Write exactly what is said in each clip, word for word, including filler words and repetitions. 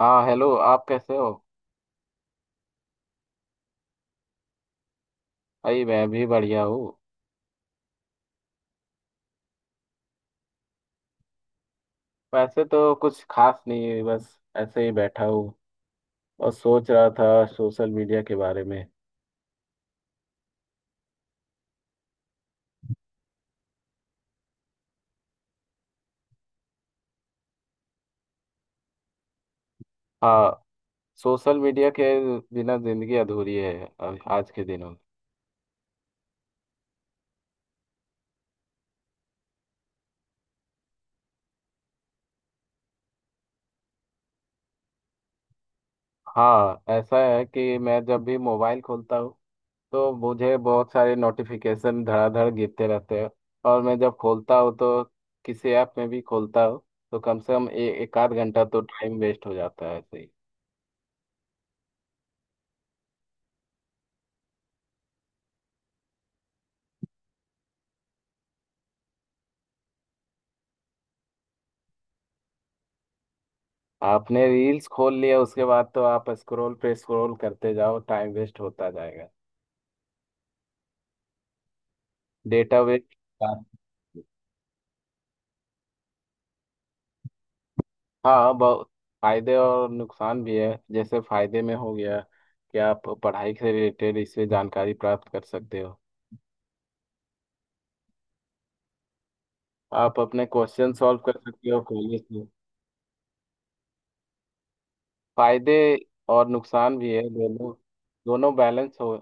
हाँ हेलो, आप कैसे हो? भाई, मैं भी बढ़िया हूँ। वैसे तो कुछ खास नहीं है, बस ऐसे ही बैठा हूँ और सोच रहा था सोशल मीडिया के बारे में। हाँ, सोशल मीडिया के बिना जिंदगी अधूरी है अब- आज के दिनों में। हाँ, ऐसा है कि मैं जब भी मोबाइल खोलता हूँ तो मुझे बहुत सारे नोटिफिकेशन धड़ाधड़ गिरते रहते हैं। और मैं जब खोलता हूँ, तो किसी ऐप में भी खोलता हूँ, तो कम से कम ए, एक आध घंटा तो टाइम वेस्ट हो जाता है ऐसे ही। आपने रील्स खोल लिया उसके बाद तो आप स्क्रॉल पे स्क्रॉल करते जाओ, टाइम वेस्ट होता जाएगा। Data waste. हाँ, बहुत फायदे और नुकसान भी है। जैसे फायदे में हो गया कि आप पढ़ाई से रिलेटेड इससे जानकारी प्राप्त कर सकते हो। आप अपने क्वेश्चन सॉल्व कर सकते हो कॉलेज में। फायदे और नुकसान भी है, दोनों। दोनों बैलेंस हो।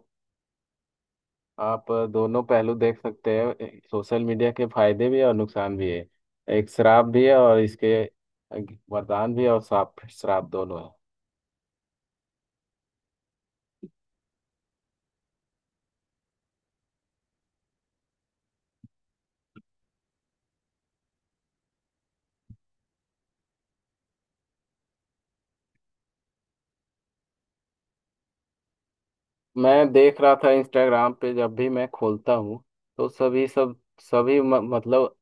आप दोनों पहलू देख सकते हैं, सोशल मीडिया के फायदे भी है और नुकसान भी है। एक श्राप भी है और इसके वरदान भी है, और श्राप श्राप दोनों है। मैं देख रहा था इंस्टाग्राम पे, जब भी मैं खोलता हूँ तो सभी सब सभी म, मतलब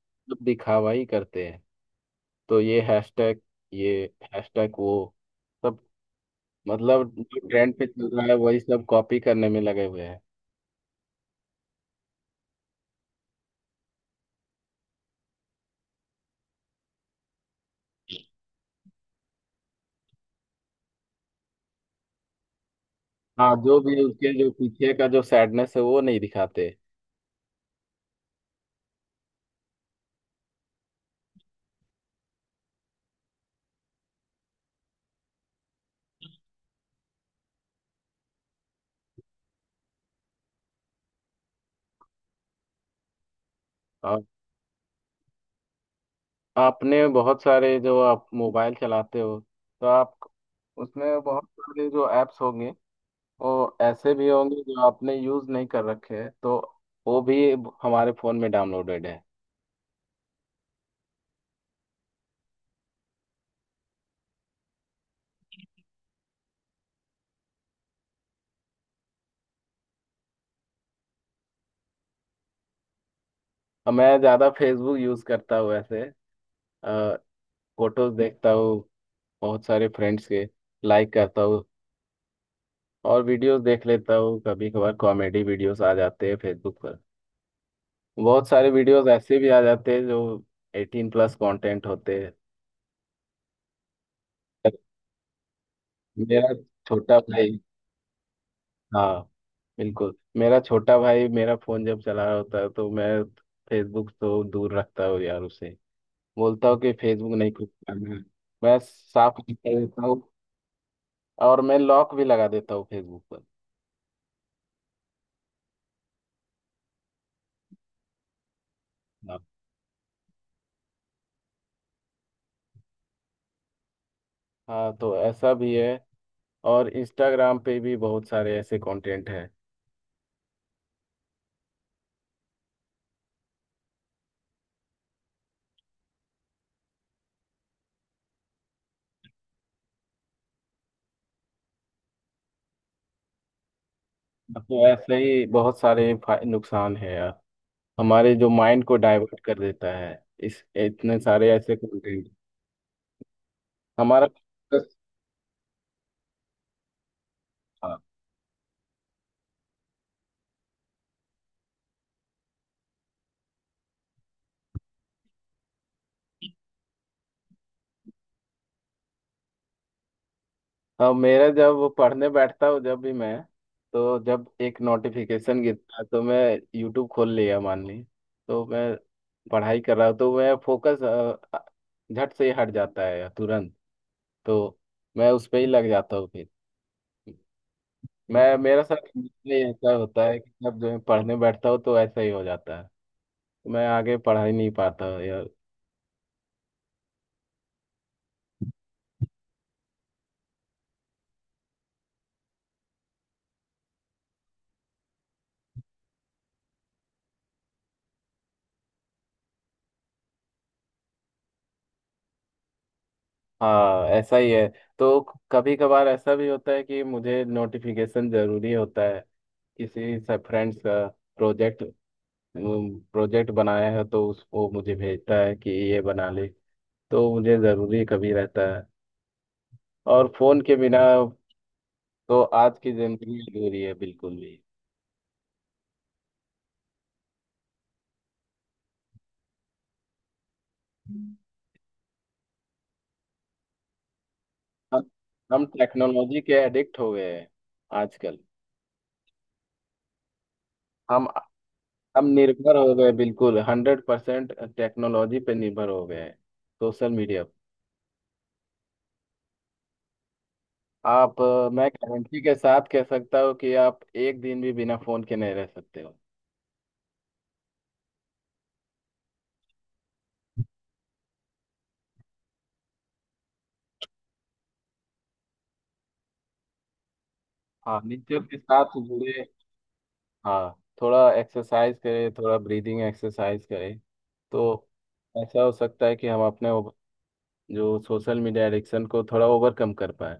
दिखावा ही करते हैं। तो ये हैशटैग, ये हैशटैग वो सब, मतलब जो ट्रेंड पे चल रहा है वही सब कॉपी करने में लगे हुए हैं। हाँ, जो भी उसके जो पीछे का जो सैडनेस है, वो नहीं दिखाते। आपने बहुत सारे, जो आप मोबाइल चलाते हो, तो आप उसमें बहुत सारे जो ऐप्स होंगे, वो ऐसे भी होंगे जो आपने यूज़ नहीं कर रखे हैं, तो वो भी हमारे फ़ोन में डाउनलोडेड है। और मैं ज़्यादा फेसबुक यूज़ करता हूँ ऐसे। फोटोज़ देखता हूँ बहुत सारे फ्रेंड्स के, लाइक करता हूँ, और वीडियोस देख लेता हूँ। कभी कभार कॉमेडी वीडियोस आ जाते हैं फेसबुक पर। बहुत सारे वीडियोस ऐसे भी आ जाते हैं जो एटीन प्लस कंटेंट होते हैं। मेरा छोटा भाई, हाँ, बिल्कुल मेरा छोटा भाई मेरा फोन जब चला रहा होता है, तो मैं फेसबुक तो दूर रखता हूँ यार उसे। बोलता हूँ कि फेसबुक नहीं, कुछ करना है। मैं साफ कर देता हूँ, और मैं लॉक भी लगा देता हूँ फेसबुक पर। हाँ। हाँ, तो ऐसा भी है। और इंस्टाग्राम पे भी बहुत सारे ऐसे कंटेंट हैं। तो ऐसे ही बहुत सारे फा- नुकसान है यार, हमारे जो माइंड को डाइवर्ट कर देता है, इस इतने सारे ऐसे कंटेंट हमारा focus- हाँ मेरा जब वो पढ़ने बैठता हूँ, जब भी मैं, तो जब एक नोटिफिकेशन गिरता है, तो मैं यूट्यूब खोल लिया मान ली। तो मैं पढ़ाई कर रहा हूँ, तो मैं फोकस झट से ही हट जाता है तुरंत। तो मैं उस पे ही लग जाता हूँ फिर। मैं, मेरा साथ नहीं ऐसा होता है कि जब जो मैं पढ़ने बैठता हूँ तो ऐसा ही हो जाता है। मैं आगे पढ़ा ही नहीं पाता यार। हाँ, ऐसा ही है। तो कभी कभार ऐसा भी होता है कि मुझे नोटिफिकेशन जरूरी होता है, किसी से फ्रेंड्स का प्रोजेक्ट, प्रोजेक्ट बनाया है तो उस वो मुझे भेजता है कि ये बना ले। तो मुझे ज़रूरी कभी रहता है। और फ़ोन के बिना तो आज की ज़िंदगी अधूरी है, बिल्कुल भी। हम हम टेक्नोलॉजी के एडिक्ट हो गए हैं आजकल। हम हम निर्भर हो गए, बिल्कुल हंड्रेड परसेंट टेक्नोलॉजी पे निर्भर हो गए हैं, सोशल मीडिया पे। आप अ, मैं गारंटी के साथ कह सकता हूँ कि आप एक दिन भी बिना फ़ोन के नहीं रह सकते हो। हाँ, नेचर के साथ जुड़े। हाँ, थोड़ा एक्सरसाइज करें, थोड़ा ब्रीदिंग एक्सरसाइज करें, तो ऐसा हो सकता है कि हम अपने ओव- जो सोशल मीडिया एडिक्शन को थोड़ा ओवरकम कर पाए।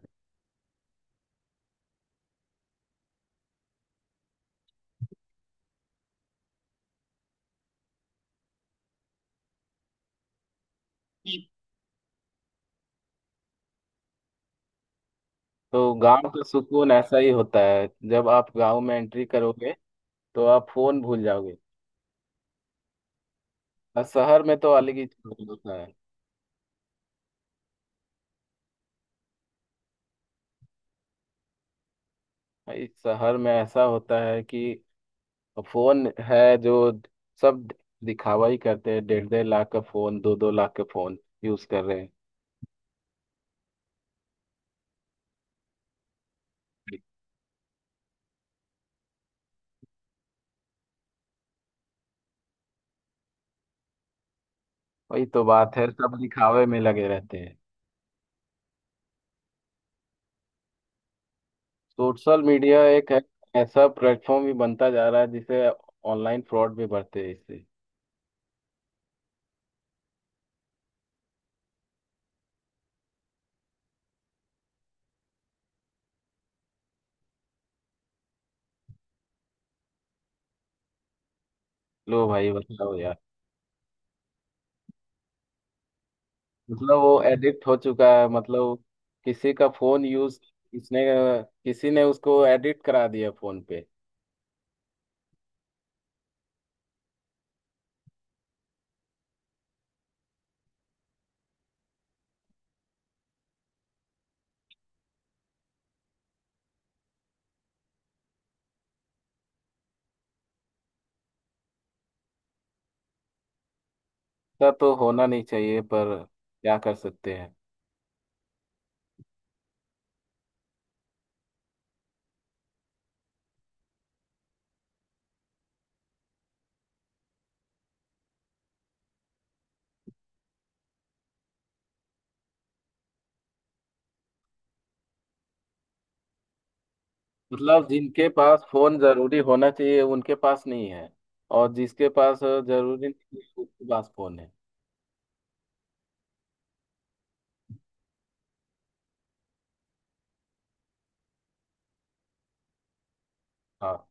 तो गांव का सुकून ऐसा ही होता है, जब आप गांव में एंट्री करोगे तो आप फोन भूल जाओगे। और शहर में तो अलग ही सुकून होता है। भाई शहर में ऐसा होता है कि फोन है, जो सब दिखावा ही करते हैं। डेढ़ डेढ़ लाख का फोन, दो दो लाख का फोन यूज कर रहे हैं। वही तो बात है, सब दिखावे में लगे रहते हैं। सोशल मीडिया एक है, ऐसा प्लेटफॉर्म भी बनता जा रहा है जिसे ऑनलाइन फ्रॉड भी बढ़ते हैं इससे। लो भाई बताओ यार। मतलब वो एडिक्ट हो चुका है, मतलब किसी का फोन यूज किसने किसी ने उसको एडिक्ट करा दिया फोन पे। ऐसा तो होना नहीं चाहिए, पर क्या कर सकते हैं। मतलब जिनके पास फोन जरूरी होना चाहिए, उनके पास नहीं है, और जिसके पास जरूरी नहीं है, उसके पास फोन है। हाँ।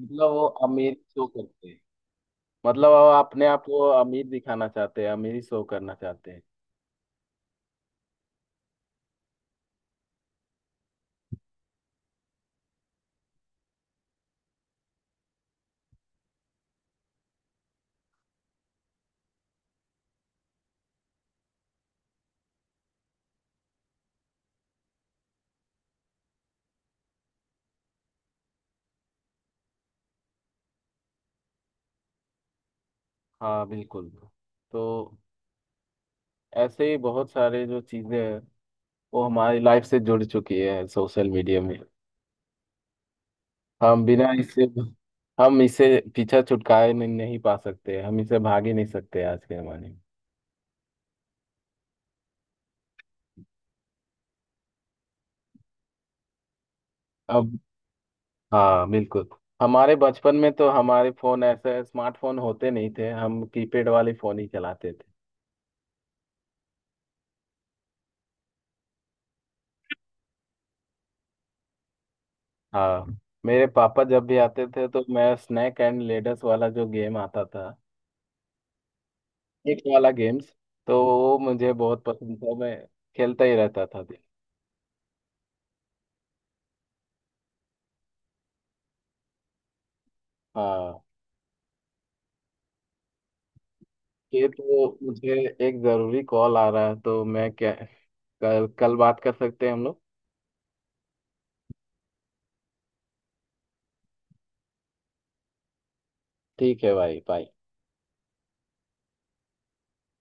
मतलब वो अमीर शो करते हैं, मतलब वो अपने आप को अमीर दिखाना चाहते हैं, अमीर शो करना चाहते हैं। हाँ, बिल्कुल। तो ऐसे ही बहुत सारे जो चीजें हैं, वो हमारी लाइफ से जुड़ चुकी है, सोशल मीडिया में। हम बिना इससे, हम इसे पीछा छुटकारे नहीं, नहीं पा सकते, हम इसे भाग ही नहीं सकते आज के जमाने में। अब, हाँ, बिल्कुल। हमारे बचपन में तो हमारे फोन ऐसे स्मार्टफोन होते नहीं थे, हम कीपैड वाले फोन ही चलाते थे। हाँ, मेरे पापा जब भी आते थे तो मैं स्नैक एंड लेडर्स वाला जो गेम आता था, एक वाला गेम्स, तो वो मुझे बहुत पसंद था। मैं खेलता ही रहता था दिन। हाँ, ये तो मुझे एक ज़रूरी कॉल आ रहा है, तो मैं क्या कल कल बात कर सकते हैं हम लोग। ठीक है भाई, बाय।